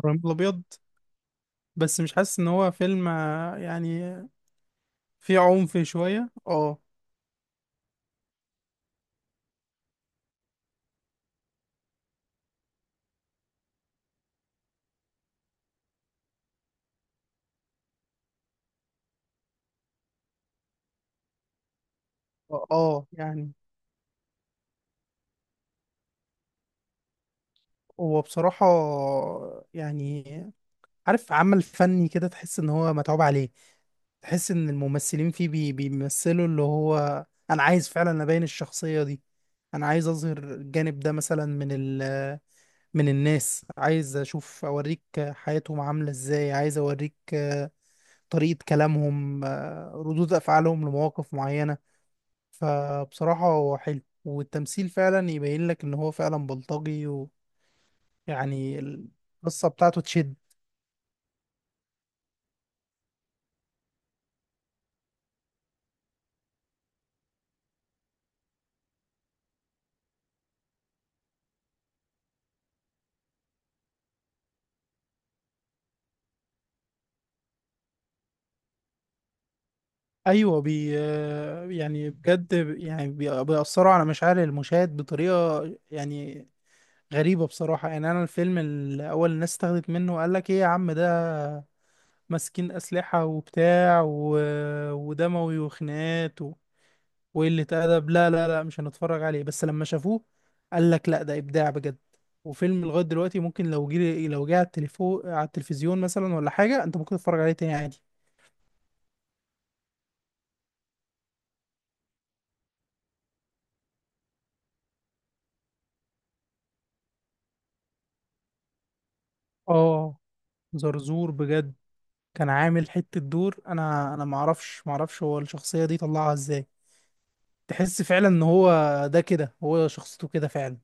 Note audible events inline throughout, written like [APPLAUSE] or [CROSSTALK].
ابراهيم الابيض. بس مش حاسس ان هو فيلم، يعني فيه عنف شويه اه يعني هو بصراحه، يعني عارف، عمل فني كده تحس ان هو متعوب عليه. تحس ان الممثلين فيه بيمثلوا اللي هو انا عايز فعلا ابين الشخصيه دي. انا عايز اظهر الجانب ده مثلا من الناس، عايز اشوف اوريك حياتهم عامله ازاي، عايز اوريك طريقه كلامهم، ردود افعالهم لمواقف معينه. فبصراحة هو حلو، والتمثيل فعلا يبين لك ان هو فعلا بلطجي. ويعني القصة بتاعته تشد. ايوه، بي آه، يعني بجد، يعني بيأثروا على مشاعر المشاهد بطريقة، يعني غريبة بصراحة. يعني انا الفيلم الاول الناس استخدت منه، وقال لك ايه يا عم، ده ماسكين اسلحة وبتاع ودموي وخناقات وقلة أدب. لا لا لا، مش هنتفرج عليه. بس لما شافوه قال لك لا، ده إبداع بجد. وفيلم لغاية دلوقتي ممكن، لو جه على التليفون على التلفزيون مثلا، ولا حاجة، أنت ممكن تتفرج عليه تاني عادي. آه زرزور بجد، كان عامل حتة دور. أنا معرفش هو الشخصية دي طلعها إزاي. تحس فعلا إن هو، ده كده هو شخصيته كده فعلا.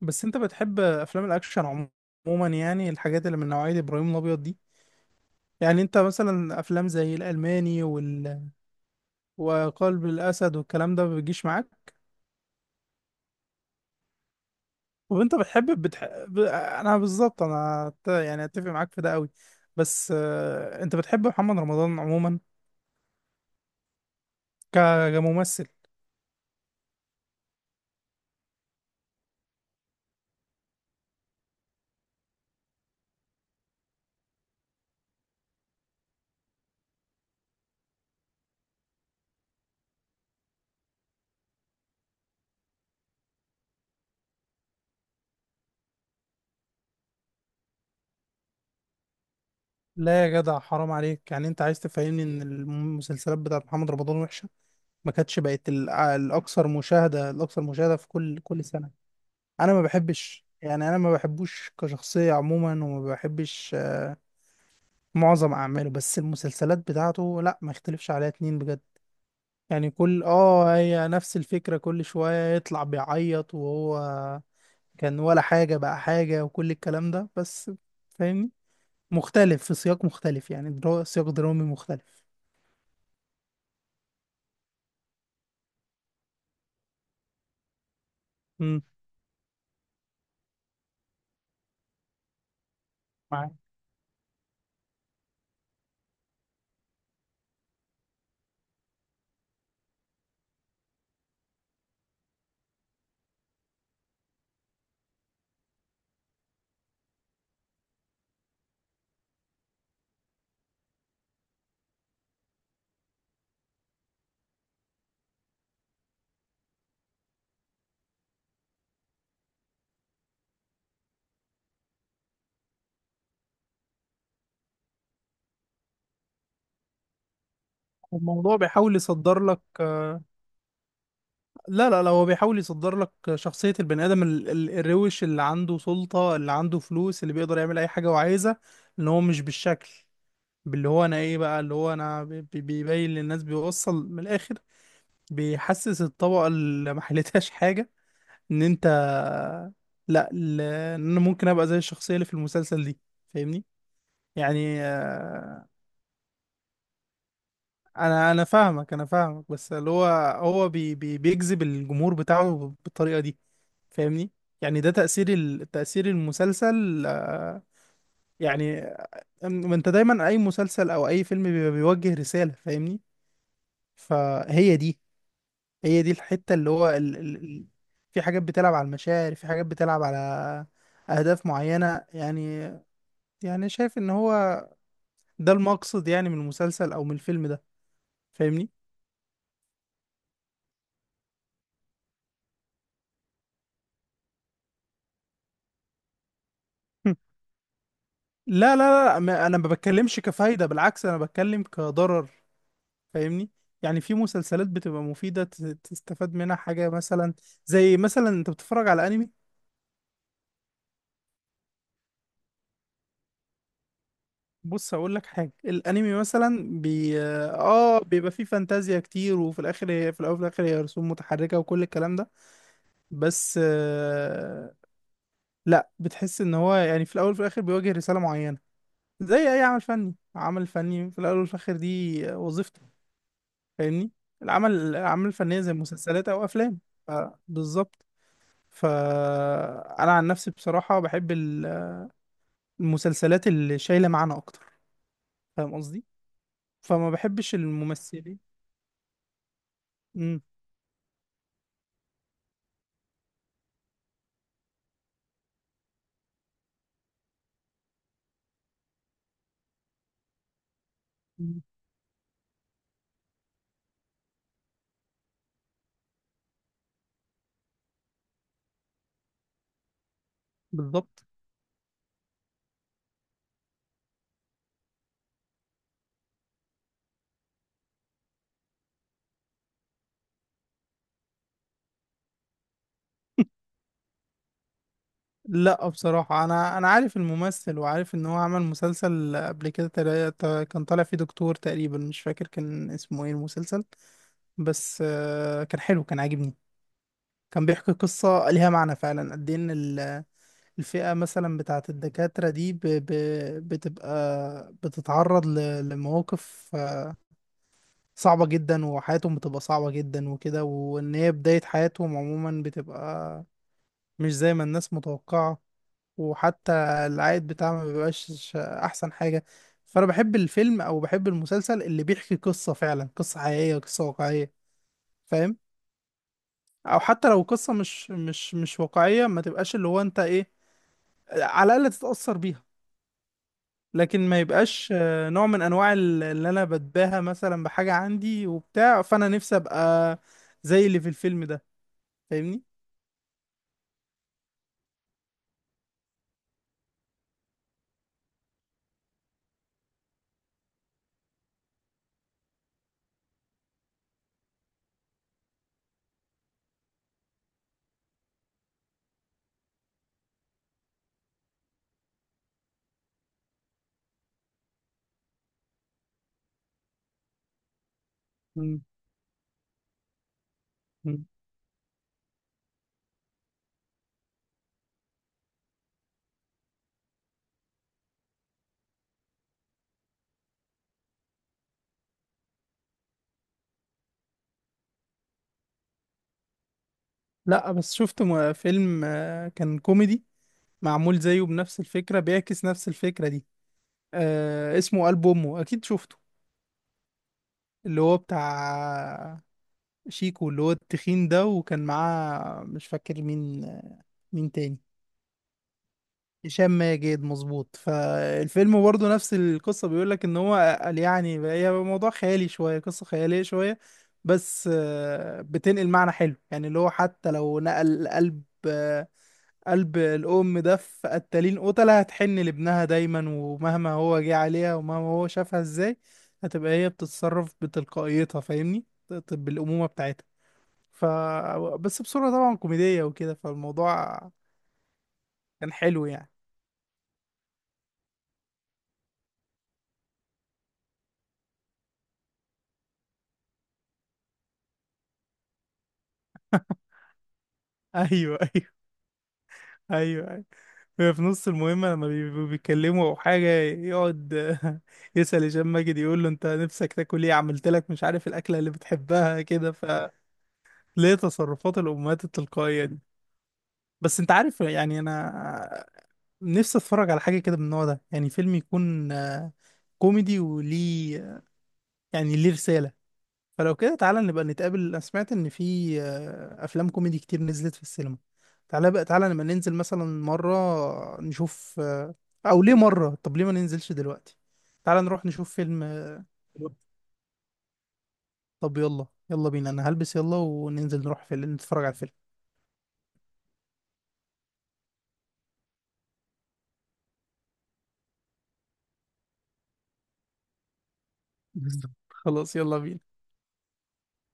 بس أنت بتحب أفلام الأكشن عموما؟ عموما يعني الحاجات اللي من نوعية إبراهيم الأبيض دي. يعني أنت مثلا أفلام زي الألماني وقلب الاسد والكلام ده ما بيجيش معاك؟ طب انت بتحب انا بالظبط، انا يعني اتفق معاك في ده قوي. بس انت بتحب محمد رمضان عموما كممثل؟ لا يا جدع حرام عليك. يعني انت عايز تفهمني ان المسلسلات بتاعت محمد رمضان وحشة؟ ما كانتش بقت الاكثر مشاهدة، الاكثر مشاهدة في كل سنة. انا ما بحبش، يعني انا ما بحبوش كشخصية عموما، وما بحبش معظم اعماله. بس المسلسلات بتاعته لا، ما يختلفش عليها اتنين بجد. يعني كل هي نفس الفكرة، كل شوية يطلع بيعيط وهو كان ولا حاجة بقى حاجة، وكل الكلام ده. بس فاهمني، مختلف في سياق مختلف، يعني سياق درامي مختلف. امم. معاك. الموضوع بيحاول يصدر لك. لا لا لا، هو بيحاول يصدر لك شخصية البني آدم الروش، اللي عنده سلطة، اللي عنده فلوس، اللي بيقدر يعمل أي حاجة وعايزة. اللي هو مش بالشكل، باللي هو أنا إيه بقى، اللي هو أنا بيبين للناس، بيوصل من الآخر. بيحسس الطبقة اللي ما حلتهاش حاجة ان انت، لا، ان انا ممكن ابقى زي الشخصية اللي في المسلسل دي. فاهمني؟ يعني انا فاهمك، انا فاهمك بس اللي هو هو بي بي بيجذب الجمهور بتاعه بالطريقة دي. فاهمني. يعني ده تأثير المسلسل، يعني. ما انت دايما اي مسلسل او اي فيلم بيبقى بيوجه رسالة. فاهمني؟ فهي دي، هي دي الحتة اللي هو في حاجات بتلعب على المشاعر، في حاجات بتلعب على أهداف معينة يعني. يعني شايف إن هو ده المقصد يعني، من المسلسل أو من الفيلم ده. فاهمني؟ [LAUGHS] لا لا لا، أنا ما بتكلمش كفايدة، بالعكس أنا بتكلم كضرر. فاهمني؟ يعني في مسلسلات بتبقى مفيدة، تستفاد منها حاجة مثلا. زي مثلا أنت بتتفرج على أنمي. بص هقول لك حاجه، الانمي مثلا بي اه بيبقى فيه فانتازيا كتير، وفي الاخر هي، في الاول وفي الاخر هي رسوم متحركه وكل الكلام ده. بس لا، بتحس ان هو يعني في الاول وفي الاخر بيواجه رساله معينه. زي اي عمل فني، عمل فني في الاول وفي الاخر دي وظيفته. فاهمني. الاعمال الفنيه زي مسلسلات او افلام. ف- بالظبط. فانا عن نفسي بصراحه بحب المسلسلات اللي شايله معنى اكتر. فاهم قصدي؟ فما بحبش الممثلين. مم. بالظبط. لا بصراحة أنا عارف الممثل، وعارف إن هو عمل مسلسل قبل كده، كان طالع فيه دكتور تقريبا. مش فاكر كان اسمه إيه المسلسل. بس كان حلو، كان عاجبني، كان بيحكي قصة ليها معنى فعلا. قد إيه إن الفئة مثلا بتاعة الدكاترة دي بتبقى بتتعرض لمواقف صعبة جدا، وحياتهم بتبقى صعبة جدا وكده، وإن هي بداية حياتهم عموما بتبقى مش زي ما الناس متوقعة. وحتى العائد بتاعها ما بيبقاش احسن حاجة. فانا بحب الفيلم او بحب المسلسل اللي بيحكي قصة فعلا، قصة حقيقية، قصة واقعية. فاهم؟ او حتى لو قصة مش واقعية، ما تبقاش اللي هو انت ايه، على الاقل تتأثر بيها. لكن ما يبقاش نوع من انواع اللي انا بتباهى مثلا بحاجة عندي وبتاع، فانا نفسي ابقى زي اللي في الفيلم ده. فاهمني؟ مم. مم. لا بس شفت فيلم كان كوميدي، معمول زيه بنفس الفكرة، بيعكس نفس الفكرة دي. اسمه قلب امه، اكيد شفته. اللي هو بتاع شيكو، اللي هو التخين ده، وكان معاه مش فاكر مين. مين تاني؟ هشام ماجد، مظبوط. فالفيلم برضه نفس القصة، بيقول لك ان هو قال يعني هي موضوع خيالي شوية، قصة خيالية شوية. بس بتنقل معنى حلو يعني، اللي هو حتى لو نقل قلب الأم ده في قتالين قتلة، هتحن لابنها دايما، ومهما هو جه عليها ومهما هو شافها ازاي. هتبقى هي بتتصرف بتلقائيتها، فاهمني، بالأمومة بتاعتها. ف بس بصورة طبعا كوميدية وكده، فالموضوع كان حلو يعني. [LAUGHS] ايوه، ايوه، ايوه، ايوه، هي في نص المهمه لما بيبقوا بيتكلموا او حاجه يقعد [LAUGHS] يسال هشام ماجد، يقول له انت نفسك تاكل ايه؟ عملت لك مش عارف الاكله اللي بتحبها كده، فليه تصرفات الامهات التلقائيه دي. بس انت عارف يعني، انا نفسي اتفرج على حاجه كده من النوع ده، يعني فيلم يكون كوميدي وليه، يعني ليه رساله. فلو كده تعالى نبقى نتقابل. انا سمعت ان في افلام كوميدي كتير نزلت في السينما. تعالى بقى تعالى نبقى ننزل مثلا مرة نشوف، او ليه مرة، طب ليه ما ننزلش دلوقتي؟ تعال نروح نشوف فيلم. طب يلا يلا بينا، انا هلبس يلا وننزل نروح فيلم نتفرج على الفيلم. [LAUGHS] بالظبط، خلاص يلا بينا.